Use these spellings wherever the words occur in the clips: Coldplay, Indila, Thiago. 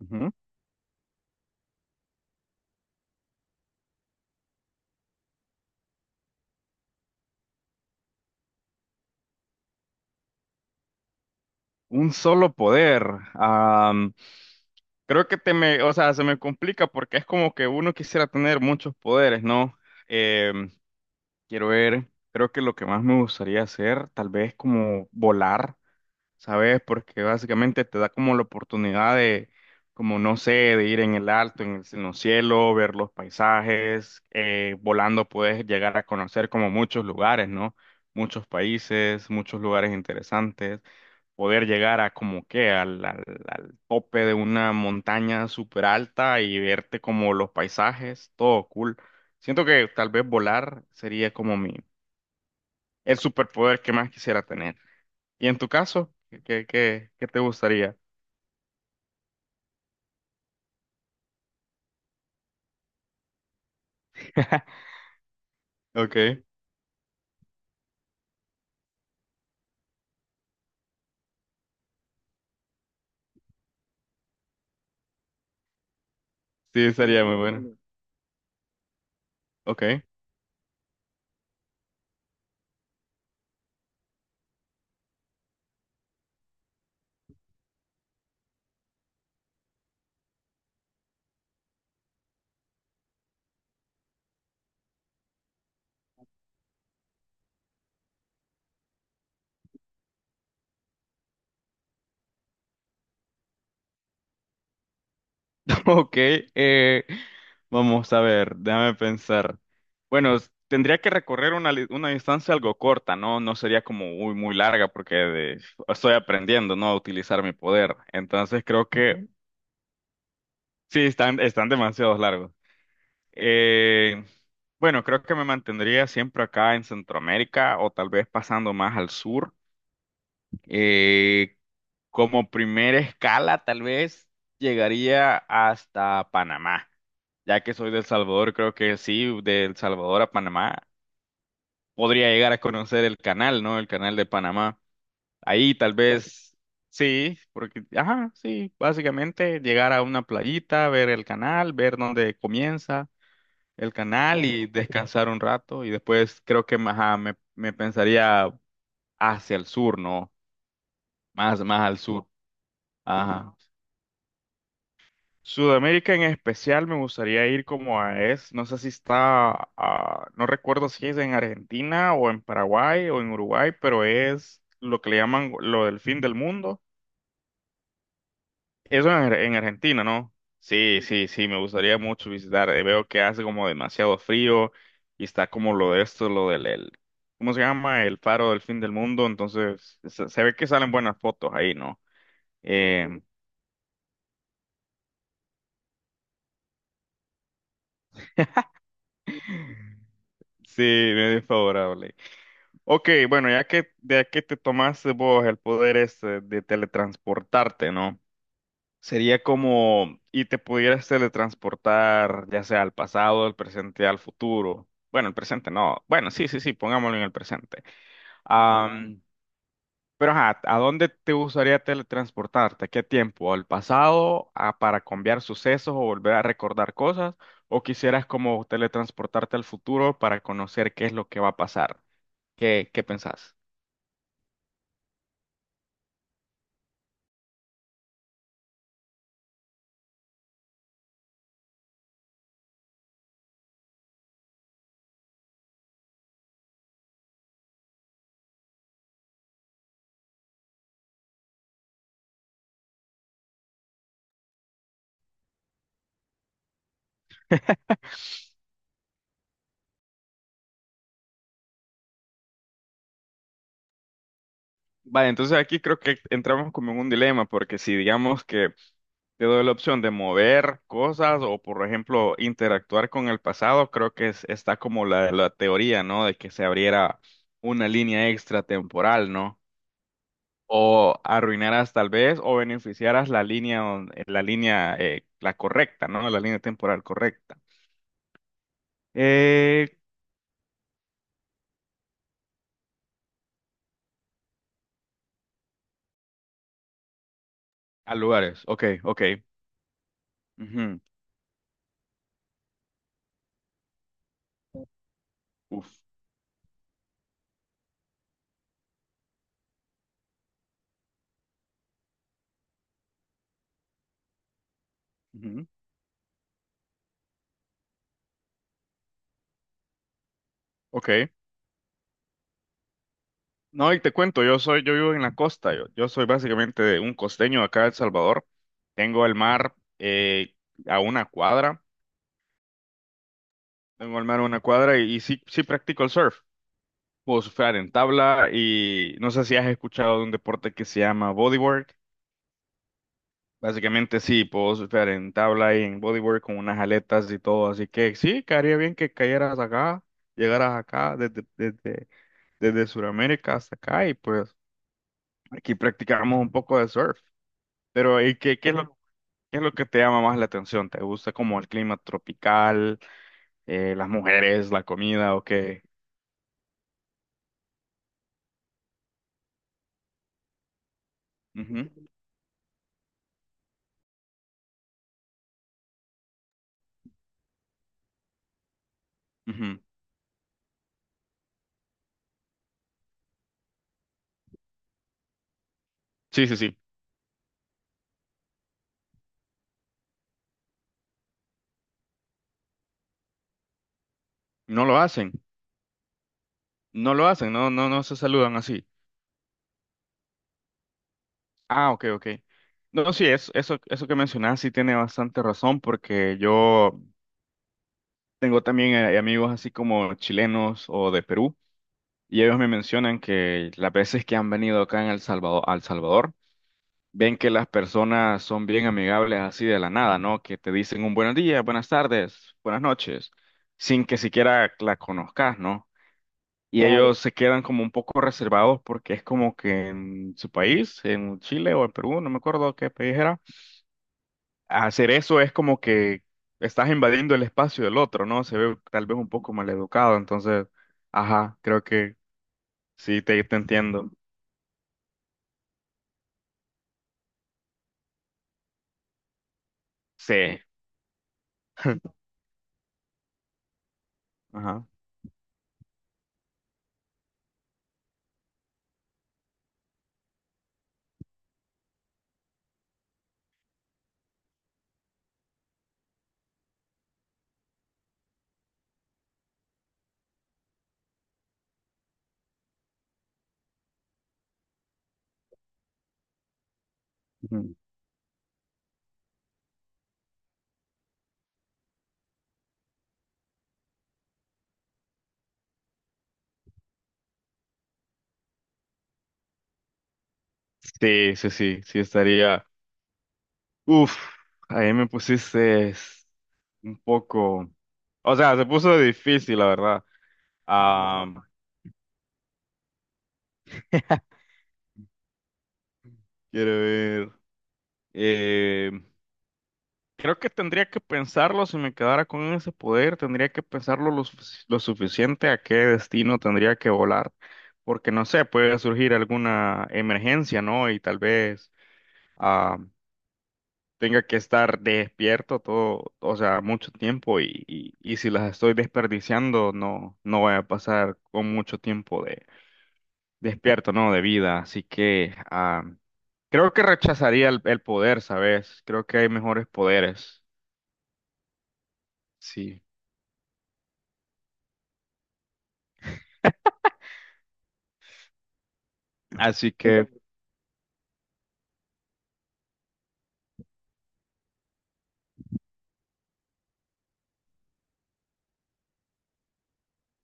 Ujú. Un solo poder. Am, creo que o sea, se me complica porque es como que uno quisiera tener muchos poderes, ¿no? Em, quiero ver, creo que lo que más me gustaría hacer, tal vez como volar, ¿sabes? Porque básicamente te da como la oportunidad como no sé, de ir en el alto, en los cielos, ver los paisajes. Volando puedes llegar a conocer como muchos lugares, ¿no? Muchos países, muchos lugares interesantes. Poder llegar a como que al tope de una montaña súper alta y verte como los paisajes, todo cool. Siento que tal vez volar sería como el superpoder que más quisiera tener. ¿Y en tu caso? ¿Qué, qué qué te gustaría? Ok, sí, sería muy bueno. Ok. Ok, vamos a ver, déjame pensar. Bueno, tendría que recorrer una distancia algo corta, ¿no? No sería como muy, muy larga porque estoy aprendiendo, ¿no? A utilizar mi poder. Entonces creo que sí, están, están demasiado largos. Eh, bueno, creo que me mantendría siempre acá en Centroamérica o tal vez pasando más al sur. Eh, Como primera escala, tal vez llegaría hasta Panamá. Ya que soy de El Salvador, creo que sí, de El Salvador a Panamá, podría llegar a conocer el canal, ¿no? El canal de Panamá. Ahí tal vez, sí, porque, ajá, sí, básicamente llegar a una playita, ver el canal, ver dónde comienza el canal y descansar un rato. Y después creo que, ajá, me pensaría hacia el sur, ¿no? Más al sur. Ajá. Sudamérica en especial me gustaría ir como a es, no sé si está, ah, no recuerdo si es en Argentina o en Paraguay o en Uruguay, pero es lo que le llaman lo del fin del mundo. Eso en, en Argentina, ¿no? Sí, sí, sí, me gustaría mucho visitar. Veo que hace como demasiado frío y está como lo de esto, ¿cómo se llama? El faro del fin del mundo, entonces se ve que salen buenas fotos ahí, ¿no? Eh, sí, medio favorable. Ok, bueno, ya que de que te tomaste vos el poder este de teletransportarte, ¿no? Sería como y te pudieras teletransportar ya sea al pasado, al presente, al futuro. Bueno, el presente no. Bueno, sí, sí, sí, pongámoslo en el presente. Am, pero ajá, ¿a dónde te gustaría teletransportarte? ¿A ¿Qué tiempo? ¿Al pasado? ¿A- para cambiar sucesos o volver a recordar cosas? ¿O quisieras como teletransportarte al futuro para conocer qué es lo que va a pasar? ¿Qué, pensás? Vale, entonces aquí creo que entramos como en un dilema, porque si digamos que te doy la opción de mover cosas o, por ejemplo, interactuar con el pasado, creo que está como la teoría, ¿no? De que se abriera una línea extratemporal, ¿no? O arruinarás tal vez o beneficiarás la línea, la línea, la correcta, ¿no? La línea temporal correcta. Eh, a lugares, ok, ok. Ujú, uf, ujú, ok. No, y te cuento, yo soy, yo vivo en la costa, yo soy básicamente de un costeño acá de El Salvador. Tengo el mar a una cuadra, tengo el mar a una cuadra y sí, sí practico el surf. Puedo surfear en tabla y no sé si has escuchado de un deporte que se llama bodyboard. Básicamente sí, puedo surfear en tabla y en bodyboard con unas aletas y todo, así que sí, quedaría bien que cayeras acá, llegaras acá desde Sudamérica hasta acá y pues aquí practicamos un poco de surf. Pero, ¿y qué, qué es lo que te llama más la atención? ¿Te gusta como el clima tropical, las mujeres, la comida o qué? Ujú, ujú. Sí, sí, sí. No lo hacen. No lo hacen. No, no, no se saludan así. Ah, ok, ok. No, sí, es, eso que mencionas sí tiene bastante razón porque yo tengo también amigos así como chilenos o de Perú y ellos me mencionan que las veces que han venido acá en El Salvador, al Salvador ven que las personas son bien amigables así de la nada, ¿no? Que te dicen un buenos días, buenas tardes, buenas noches, sin que siquiera la conozcas, ¿no? Y claro. Ellos se quedan como un poco reservados porque es como que en su país, en Chile o en Perú, no me acuerdo qué país era, hacer eso es como que estás invadiendo el espacio del otro, ¿no? Se ve tal vez un poco maleducado, entonces, ajá, creo que sí, te entiendo. Sí, ajá. Ujú. Sí, sí, sí, sí estaría. Uf, ahí me pusiste es, un poco, o sea, se puso difícil, la verdad. Am, quiero ver. eh, Creo que tendría que pensarlo si me quedara con ese poder, tendría que pensarlo lo suficiente a qué destino tendría que volar, porque no sé, puede surgir alguna emergencia, ¿no? Y tal vez ah, tenga que estar despierto todo, o sea, mucho tiempo y, y si las estoy desperdiciando, no, no voy a pasar con mucho tiempo de despierto, ¿no? De vida. Así que creo que rechazaría el poder, ¿sabes? Creo que hay mejores poderes. Sí. Así que,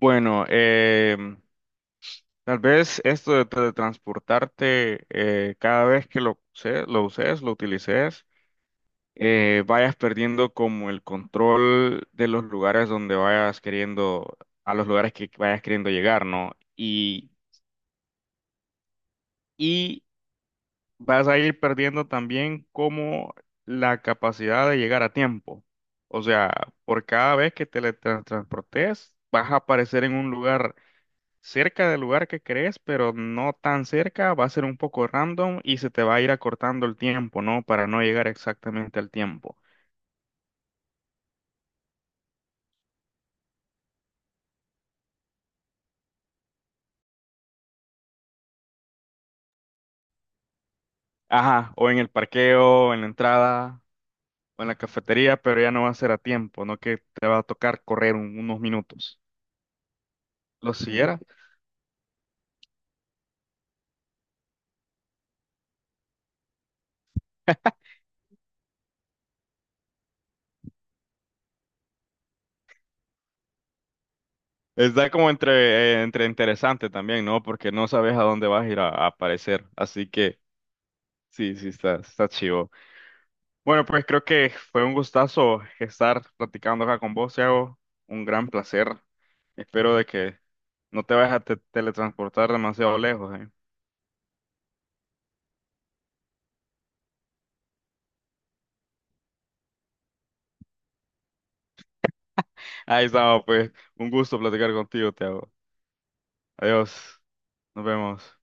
bueno, tal vez esto de teletransportarte, cada vez que lo uses, lo utilices. Vayas perdiendo como el control de los lugares donde vayas queriendo, a los lugares que vayas queriendo llegar, ¿no? Y vas a ir perdiendo también como la capacidad de llegar a tiempo. O sea, por cada vez que te teletransportes, vas a aparecer en un lugar cerca del lugar que crees, pero no tan cerca, va a ser un poco random y se te va a ir acortando el tiempo, ¿no? Para no llegar exactamente al tiempo. Ajá, o en el parqueo, en la entrada, o en la cafetería, pero ya no va a ser a tiempo, no que te va a tocar correr unos minutos. Lo siguiera. Está como entre, entre interesante también, ¿no? Porque no sabes a dónde vas a ir a aparecer. Así que sí, sí, está, está chivo. Bueno, pues creo que fue un gustazo estar platicando acá con vos, Thiago. Un gran placer. Espero de que no te vayas a teletransportar demasiado lejos, ¿eh? Ahí estamos, pues. Un gusto platicar contigo, Thiago. Adiós. Nos vemos.